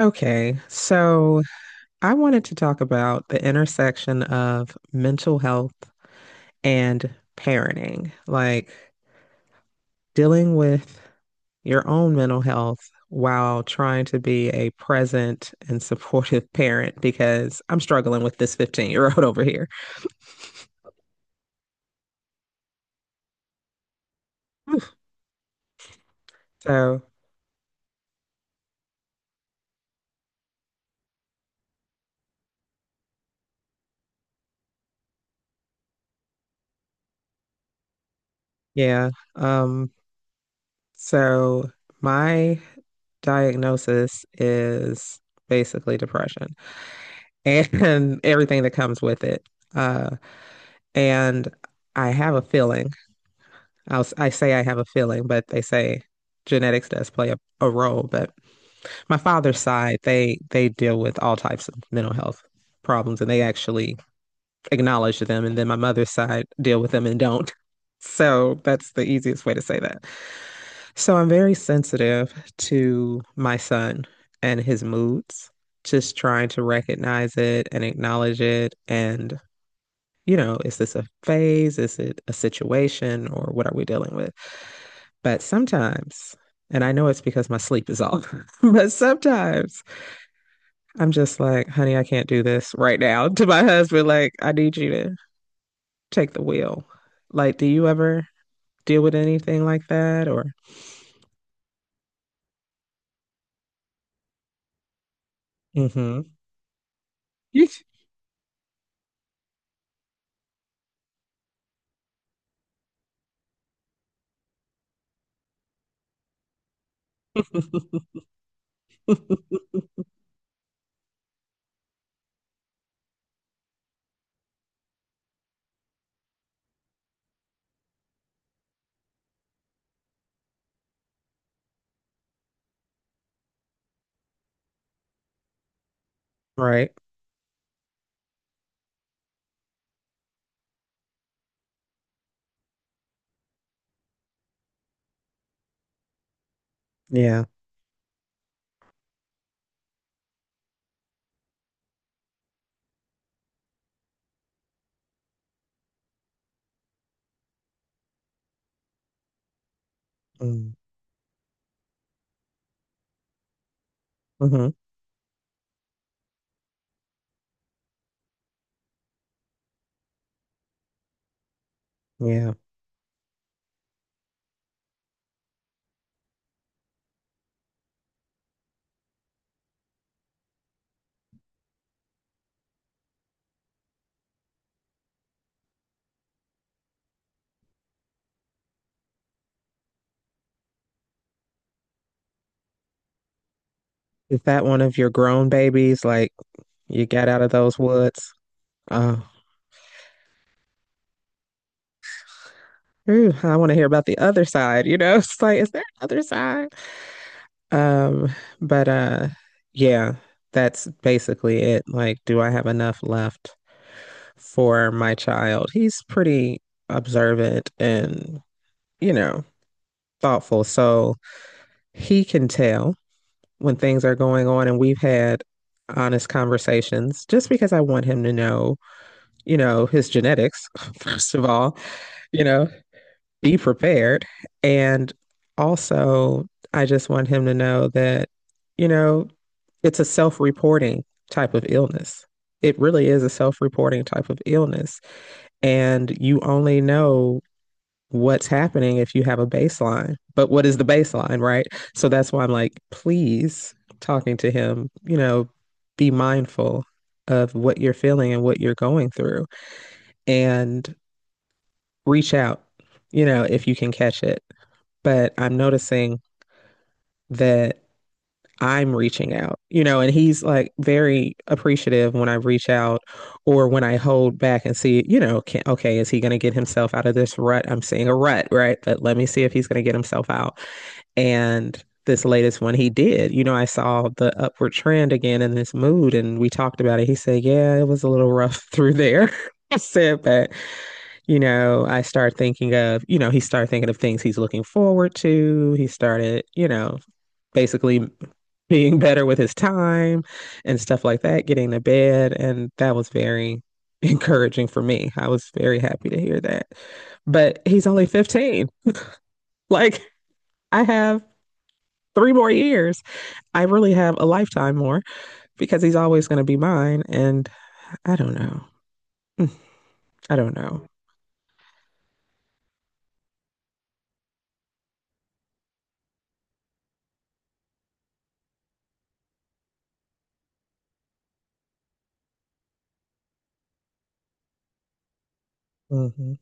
Okay, so I wanted to talk about the intersection of mental health and parenting, like dealing with your own mental health while trying to be a present and supportive parent because I'm struggling with this 15-year-old year old over here. Oof. So, yeah, um, so my diagnosis is basically depression and everything that comes with it. Uh, and I have a feeling. I say I have a feeling, but they say genetics does play a role. But my father's side, they deal with all types of mental health problems, and they actually acknowledge them. And then my mother's side deal with them and don't. So that's the easiest way to say that. So I'm very sensitive to my son and his moods, just trying to recognize it and acknowledge it. And, is this a phase? Is it a situation? Or what are we dealing with? But sometimes, and I know it's because my sleep is off, but sometimes I'm just like, honey, I can't do this right now to my husband. Like, I need you to take the wheel. Like, do you ever deal with anything like that? Or, mm-hmm. Right. Yeah. Mm. Hmm. Yeah. Is that one of your grown babies? Like you got out of those woods? Oh, ooh, I want to hear about the other side, you know? It's like, is there another side? Um, but yeah, that's basically it. Like, do I have enough left for my child? He's pretty observant and, you know, thoughtful. So he can tell when things are going on and we've had honest conversations just because I want him to know, his genetics, first of all, you know, be prepared. And also, I just want him to know that, you know, it's a self reporting type of illness. It really is a self reporting type of illness. And you only know what's happening if you have a baseline. But what is the baseline, right? So that's why I'm like, please, talking to him, be mindful of what you're feeling and what you're going through. And reach out, if you can catch it. But I'm noticing that I'm reaching out, and he's like very appreciative when I reach out or when I hold back and see, can, okay, is he going to get himself out of this rut? I'm seeing a rut, right? But let me see if he's going to get himself out. And this latest one he did, I saw the upward trend again in this mood and we talked about it. He said, yeah, it was a little rough through there. I said, but you know, I start thinking of, you know, he started thinking of things he's looking forward to. He started, basically being better with his time and stuff like that, getting to bed. And that was very encouraging for me. I was very happy to hear that. But he's only 15. Like, I have 3 more years. I really have a lifetime more because he's always going to be mine. And I don't know. I don't know. Mhm.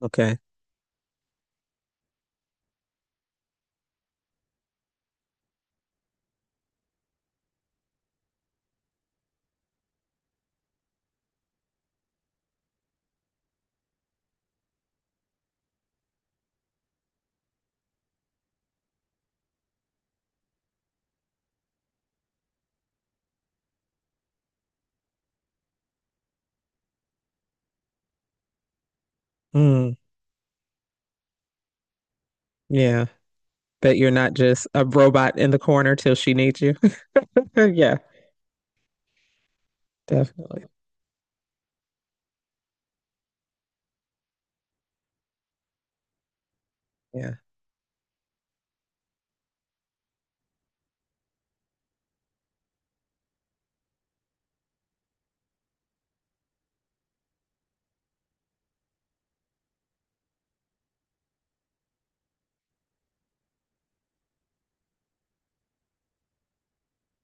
Okay. Mm, yeah. But you're not just a robot in the corner till she needs you. Yeah, definitely. Yeah,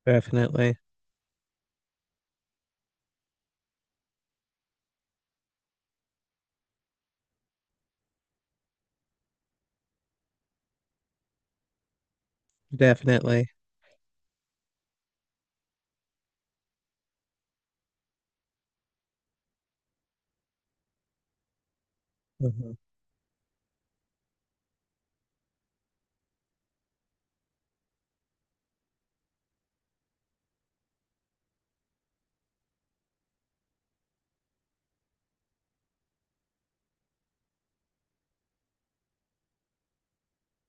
definitely. Definitely. Mhm.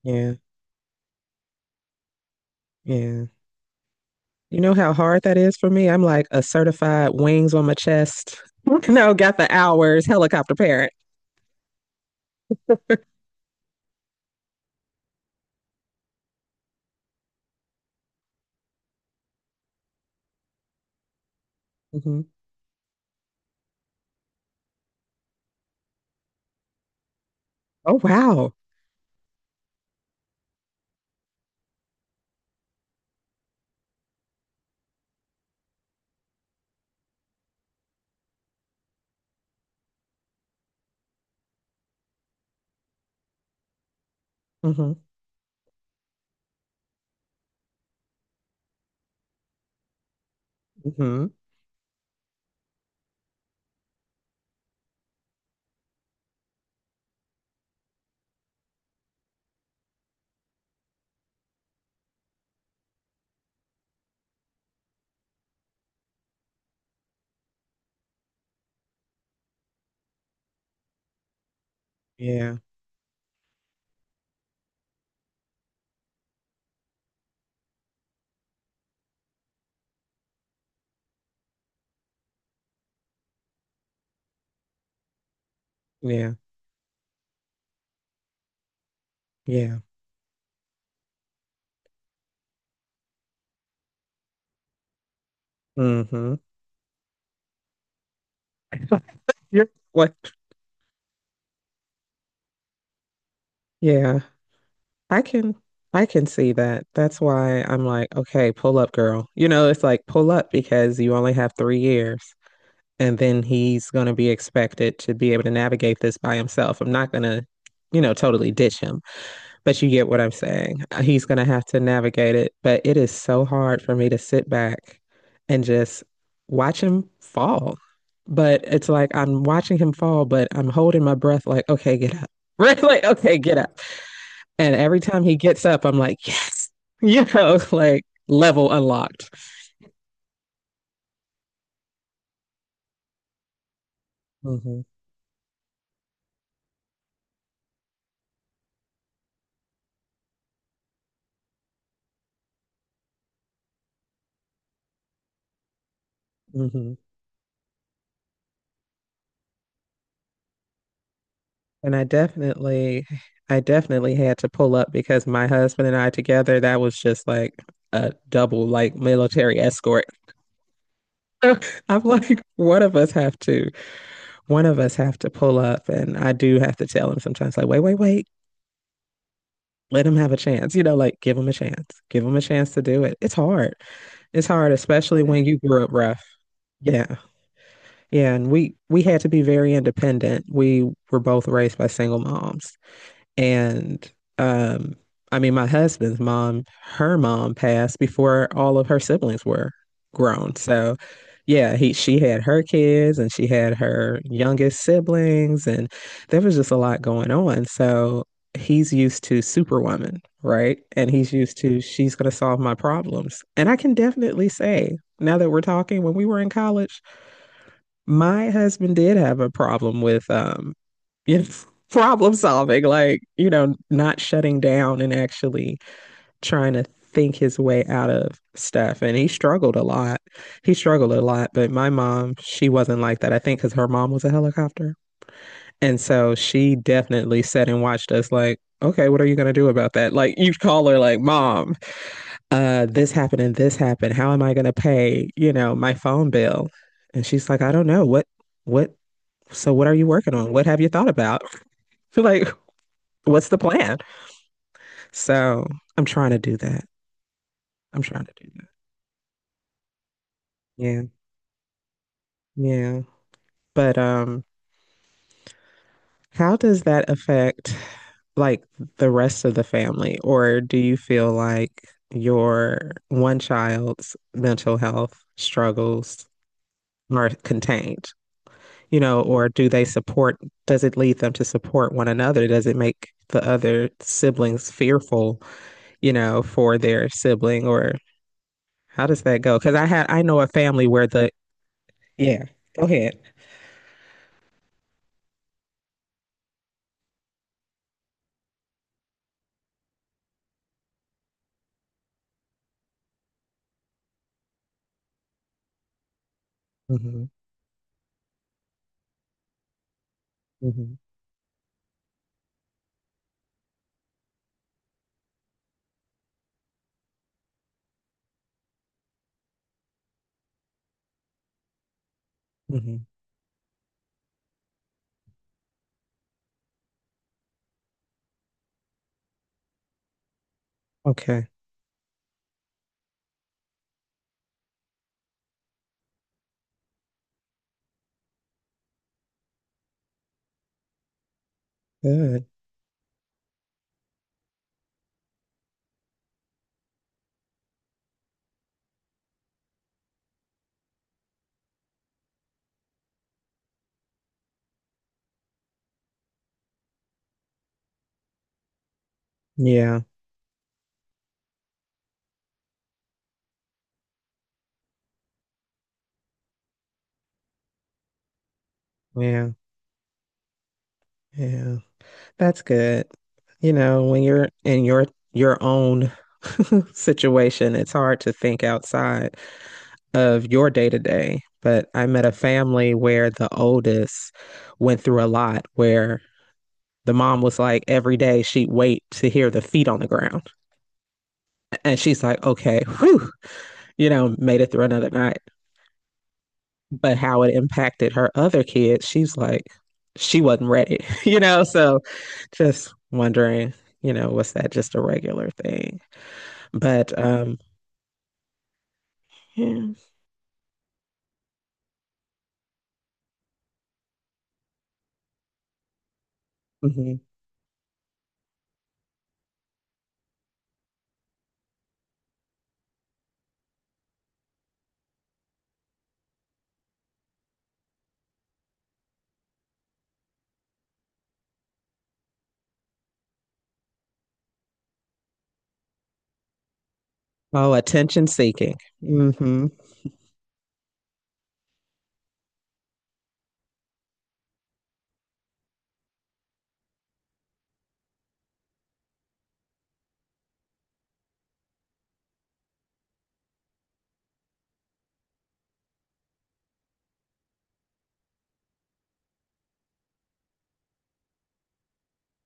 Yeah. Yeah. You know how hard that is for me? I'm like a certified wings on my chest. No, got the hours, helicopter parent. Hmm. Oh, wow. Hmm. Hmm. Yeah. Yeah. Yeah. Hmm. Yep. What? Yeah. I can I can see that. That's why I'm like, okay, pull up, girl. It's like pull up because you only have 3 years. And then he's gonna be expected to be able to navigate this by himself. I'm not gonna, totally ditch him. But you get what I'm saying. He's going to have to navigate it. But it is so hard for me to sit back and just watch him fall. But it's like I'm watching him fall, but I'm holding my breath, like, okay, get up. Right? Like, okay, get up. And every time he gets up, I'm like, like level unlocked. Hmm. Hmm. And I definitely had to pull up because my husband and I together, that was just like a double, like military escort. I'm like, one of us have to, one of us have to pull up. And I do have to tell him sometimes, like, wait, wait, wait, let him have a chance. Like give him a chance, give him a chance to do it. It's hard. It's hard, especially when you grew up rough. Yeah. Yeah. And we had to be very independent. We were both raised by single moms. And um, I mean, my husband's mom, her mom passed before all of her siblings were grown. So, yeah, he she had her kids and she had her youngest siblings, and there was just a lot going on. So he's used to Superwoman, right? And he's used to she's going to solve my problems. And I can definitely say, now that we're talking, when we were in college, my husband did have a problem with you know, problem solving, like, not shutting down and actually trying to think his way out of stuff. And he struggled a lot. He struggled a lot, but my mom, she wasn't like that. I think because her mom was a helicopter. And so she definitely sat and watched us like, okay, what are you going to do about that? Like you call her like, mom, this happened and this happened. How am I going to pay, my phone bill? And she's like, I don't know. What what are you working on? What have you thought about? Like, what's the plan? So, I'm trying to do that. I'm trying to do that. Yeah. Yeah. But how does that affect like the rest of the family? Or do you feel like your one child's mental health struggles are contained? Or do they support, does it lead them to support one another? Does it make the other siblings fearful, for their sibling or how does that go? Because I know a family where the— Yeah. Go ahead. Hmm. Hmm. Hmm. Okay. Good. Yeah. Yeah. Yeah. That's good. You know, when you're in your own situation, it's hard to think outside of your day to day. But I met a family where the oldest went through a lot where the mom was like every day she'd wait to hear the feet on the ground. And she's like, okay, whew, made it through another night. But how it impacted her other kids, she's like, she wasn't ready, you know? So just wondering, was that just a regular thing? But yeah. Hmm. Oh, attention seeking. Hmm.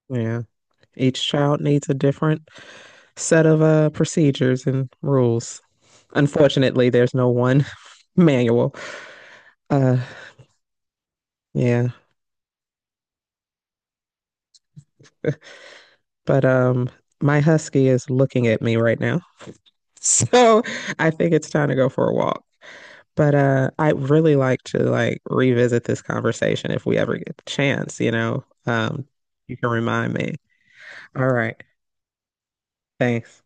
Yeah. Each child needs a different set of procedures and rules. Unfortunately, there's no one manual. Uh, yeah. But my husky is looking at me right now. So I think it's time to go for a walk. But I really like to like revisit this conversation if we ever get the chance, you know. You can remind me. All right. Thanks.